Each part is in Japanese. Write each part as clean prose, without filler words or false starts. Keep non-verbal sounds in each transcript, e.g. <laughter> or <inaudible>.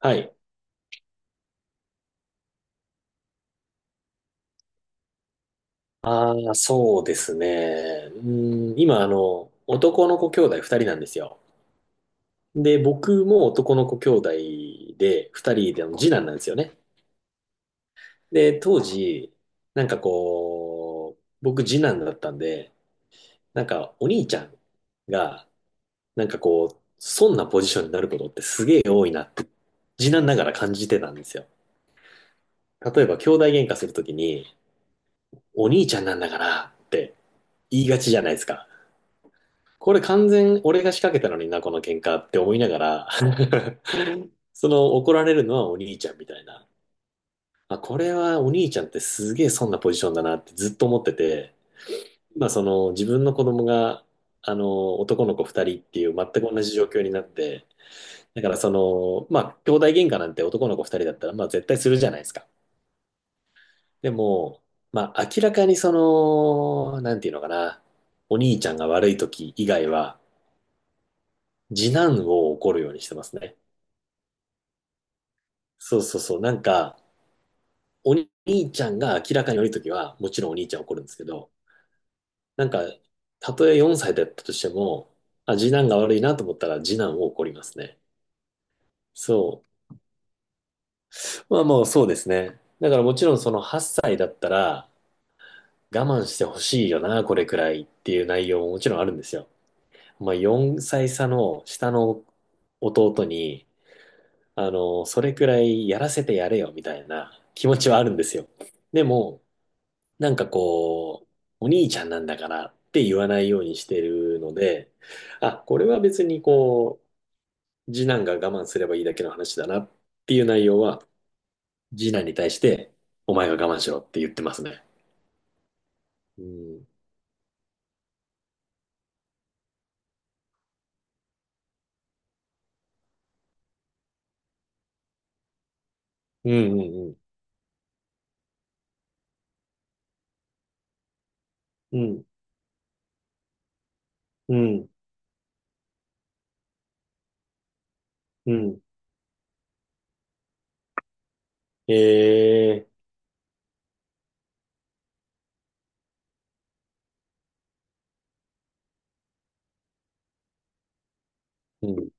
はい。そうですね。うん、今、あの、男の子兄弟二人なんですよ。僕も男の子兄弟で、二人で次男なんですよね。で、当時、なんかこう、僕次男だったんで、お兄ちゃんが、そんなポジションになることってすげえ多いなって、次男ながら感じてたんですよ。例えば、兄弟喧嘩するときに、お兄ちゃんなんだからって言いがちじゃないですか。これ完全俺が仕掛けたのにな、この喧嘩って思いながら <laughs> その怒られるのはお兄ちゃんみたいな。あ、これはお兄ちゃんってすげえそんなポジションだなってずっと思ってて、その自分の子供が、男の子二人っていう全く同じ状況になって、だからその、まあ兄弟喧嘩なんて男の子二人だったらまあ絶対するじゃないですか。でも、明らかにその、なんていうのかな、お兄ちゃんが悪い時以外は、次男を怒るようにしてますね。そうそうそう、なんか、お兄ちゃんが明らかに悪いときは、もちろんお兄ちゃん怒るんですけど、なんか、たとえ4歳だったとしても、あ、次男が悪いなと思ったら、次男を怒りますね。そう。まあもうそうですね。だからもちろん8歳だったら、我慢してほしいよな、これくらいっていう内容ももちろんあるんですよ。まあ4歳差の下の弟に、それくらいやらせてやれよみたいな気持ちはあるんですよ。でも、お兄ちゃんなんだからって言わないようにしてるので、あ、これは別に次男が我慢すればいいだけの話だなっていう内容は、次男に対して、お前が我慢しろって言ってますね。うん。うんうんうん。うん。うん。うん。えー。え。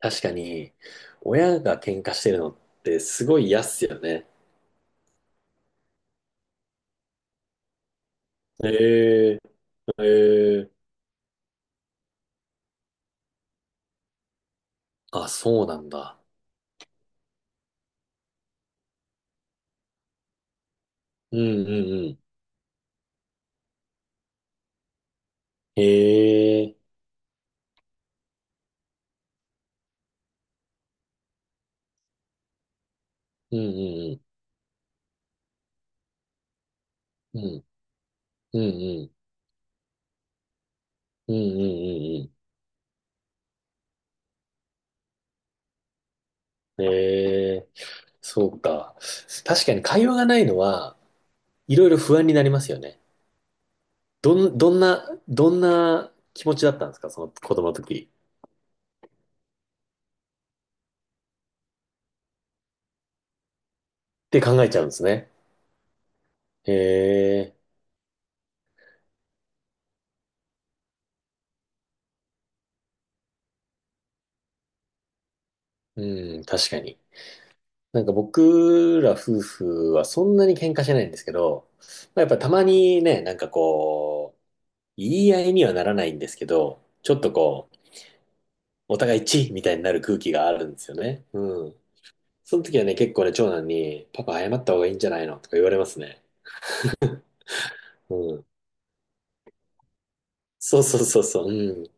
確かに、親が喧嘩してるのってすごい嫌っすよね。ええー。ええー。あ、そうなんだ。うんうんうん。ええー。うんうんうん。うん、うん、うん、うん、うん、うんうん。ええ、そうか。確かに会話がないのは、いろいろ不安になりますよね。どんな気持ちだったんですか、その子供の時。って考えちゃうんですね。ええ、うん、確かに。なんか僕ら夫婦はそんなに喧嘩しないんですけど、やっぱたまにね、言い合いにはならないんですけど、ちょっとこう、お互いチッみたいになる空気があるんですよね。うん。その時はね、結構ね、長男に、パパ謝った方がいいんじゃないのとか言われますね。うん。そうそうそうそう。うん。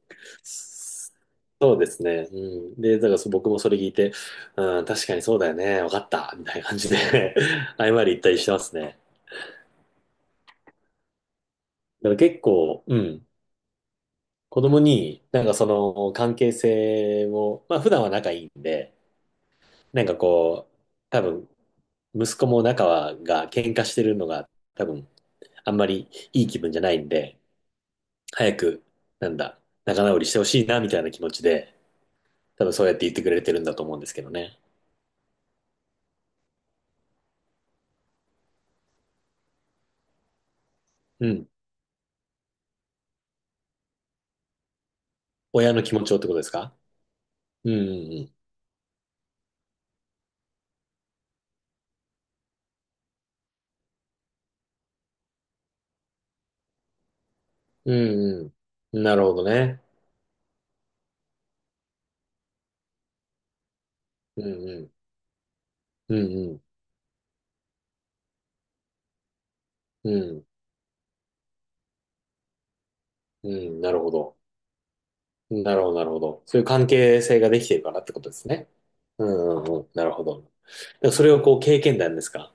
そうですね。うん。で、だからそ僕もそれ聞いて、うん、確かにそうだよね。わかった。みたいな感じで <laughs> 謝り言ったりしてますね。だから結構、うん。子供に、その関係性を、まあ普段は仲いいんで、なんかこう、多分、息子も仲はが喧嘩してるのが多分、あんまりいい気分じゃないんで、早く、なんだ、仲直りしてほしいな、みたいな気持ちで、多分そうやって言ってくれてるんだと思うんですけどね。うん。親の気持ちをってことですか？うんうんうん。うんうん。なるほどね。うんうん。うんうん。うんうん。なるほど。なるほど、なるほど。そういう関係性ができてるからってことですね。うんうんうん。なるほど。でもそれをこう経験談ですか？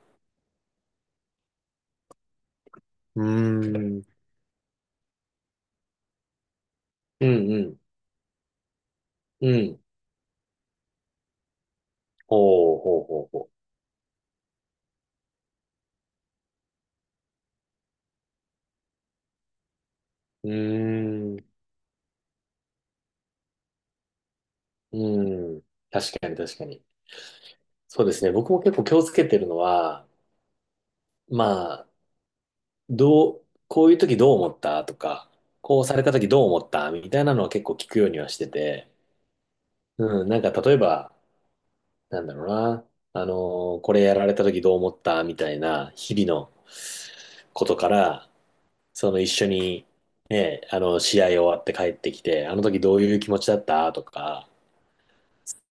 うーん。うんうん。うん。ほうほうほうほう。うーん。うん。確かに確かに。そうですね。僕も結構気をつけてるのは、まあ、こういう時どう思ったとか、こうされた時どう思ったみたいなのは結構聞くようにはしてて、うん、例えば、なんだろうな、これやられた時どう思ったみたいな日々のことから、一緒に、ね、試合終わって帰ってきて、あの時どういう気持ちだったとか、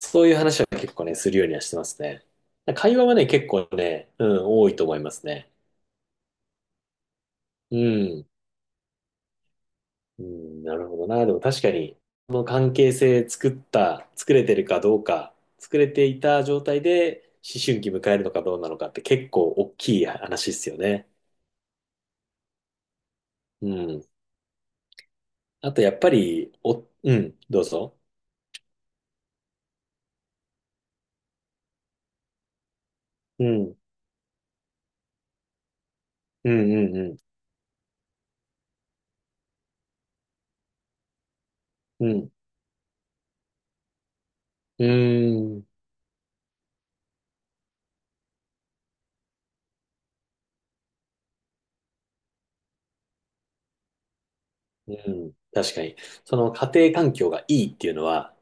そういう話は結構ね、するようにはしてますね。会話はね、結構ね、うん、多いと思いますね。うん。うん、なるほどな。でも確かに、この関係性作った、作れてるかどうか、作れていた状態で思春期迎えるのかどうなのかって結構大きい話ですよね。うん。あとやっぱり、お、うん、どうぞ。うん、うん、うん、うん、うん、うん、うん。確かに。その家庭環境がいいっていうのは、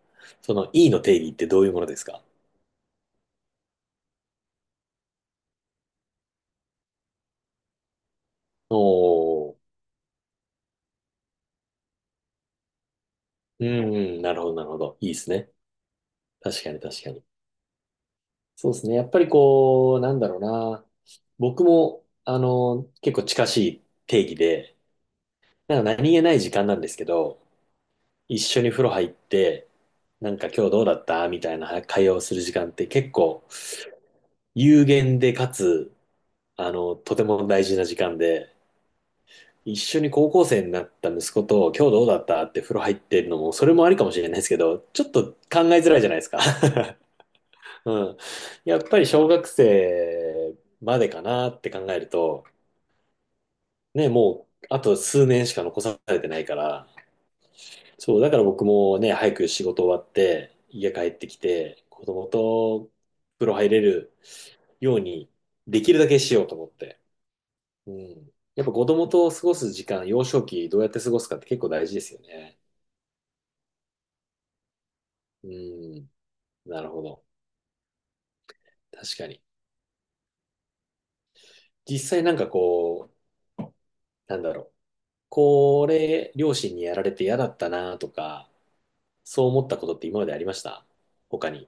そのいいの定義ってどういうものですか？おー、うん、うん、なるほど、なるほど。いいですね。確かに確かに。そうですね。やっぱりこう、なんだろうな。僕も、結構近しい定義で、なんか何気ない時間なんですけど、一緒に風呂入って、なんか今日どうだったみたいな会話をする時間って結構有限でかつ、とても大事な時間で、一緒に高校生になった息子と今日どうだったって風呂入ってるのも、それもありかもしれないですけど、ちょっと考えづらいじゃないですか。<laughs> うん。やっぱり小学生までかなって考えると、ね、もう、あと数年しか残されてないから、そう、だから僕もね、早く仕事終わって、家帰ってきて、子供と風呂入れるように、できるだけしようと思って。うん。やっぱ子供と過ごす時間、幼少期どうやって過ごすかって結構大事ですよね。うん。なるほど。確かに。実際なんだろう。これ、両親にやられて嫌だったなとか、そう思ったことって今までありました？他に。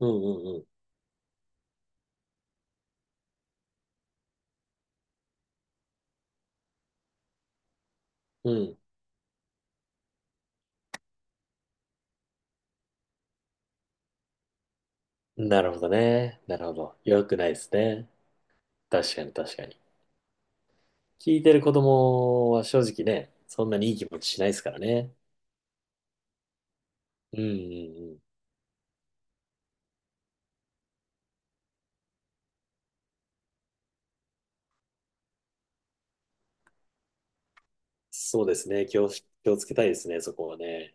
うんうんうん。うんなるほどね。なるほど。良くないですね。確かに確かに。聞いてる子供は正直ね、そんなにいい気持ちしないですからね。うんうんうん。そうですね。気をつけたいですね、そこはね。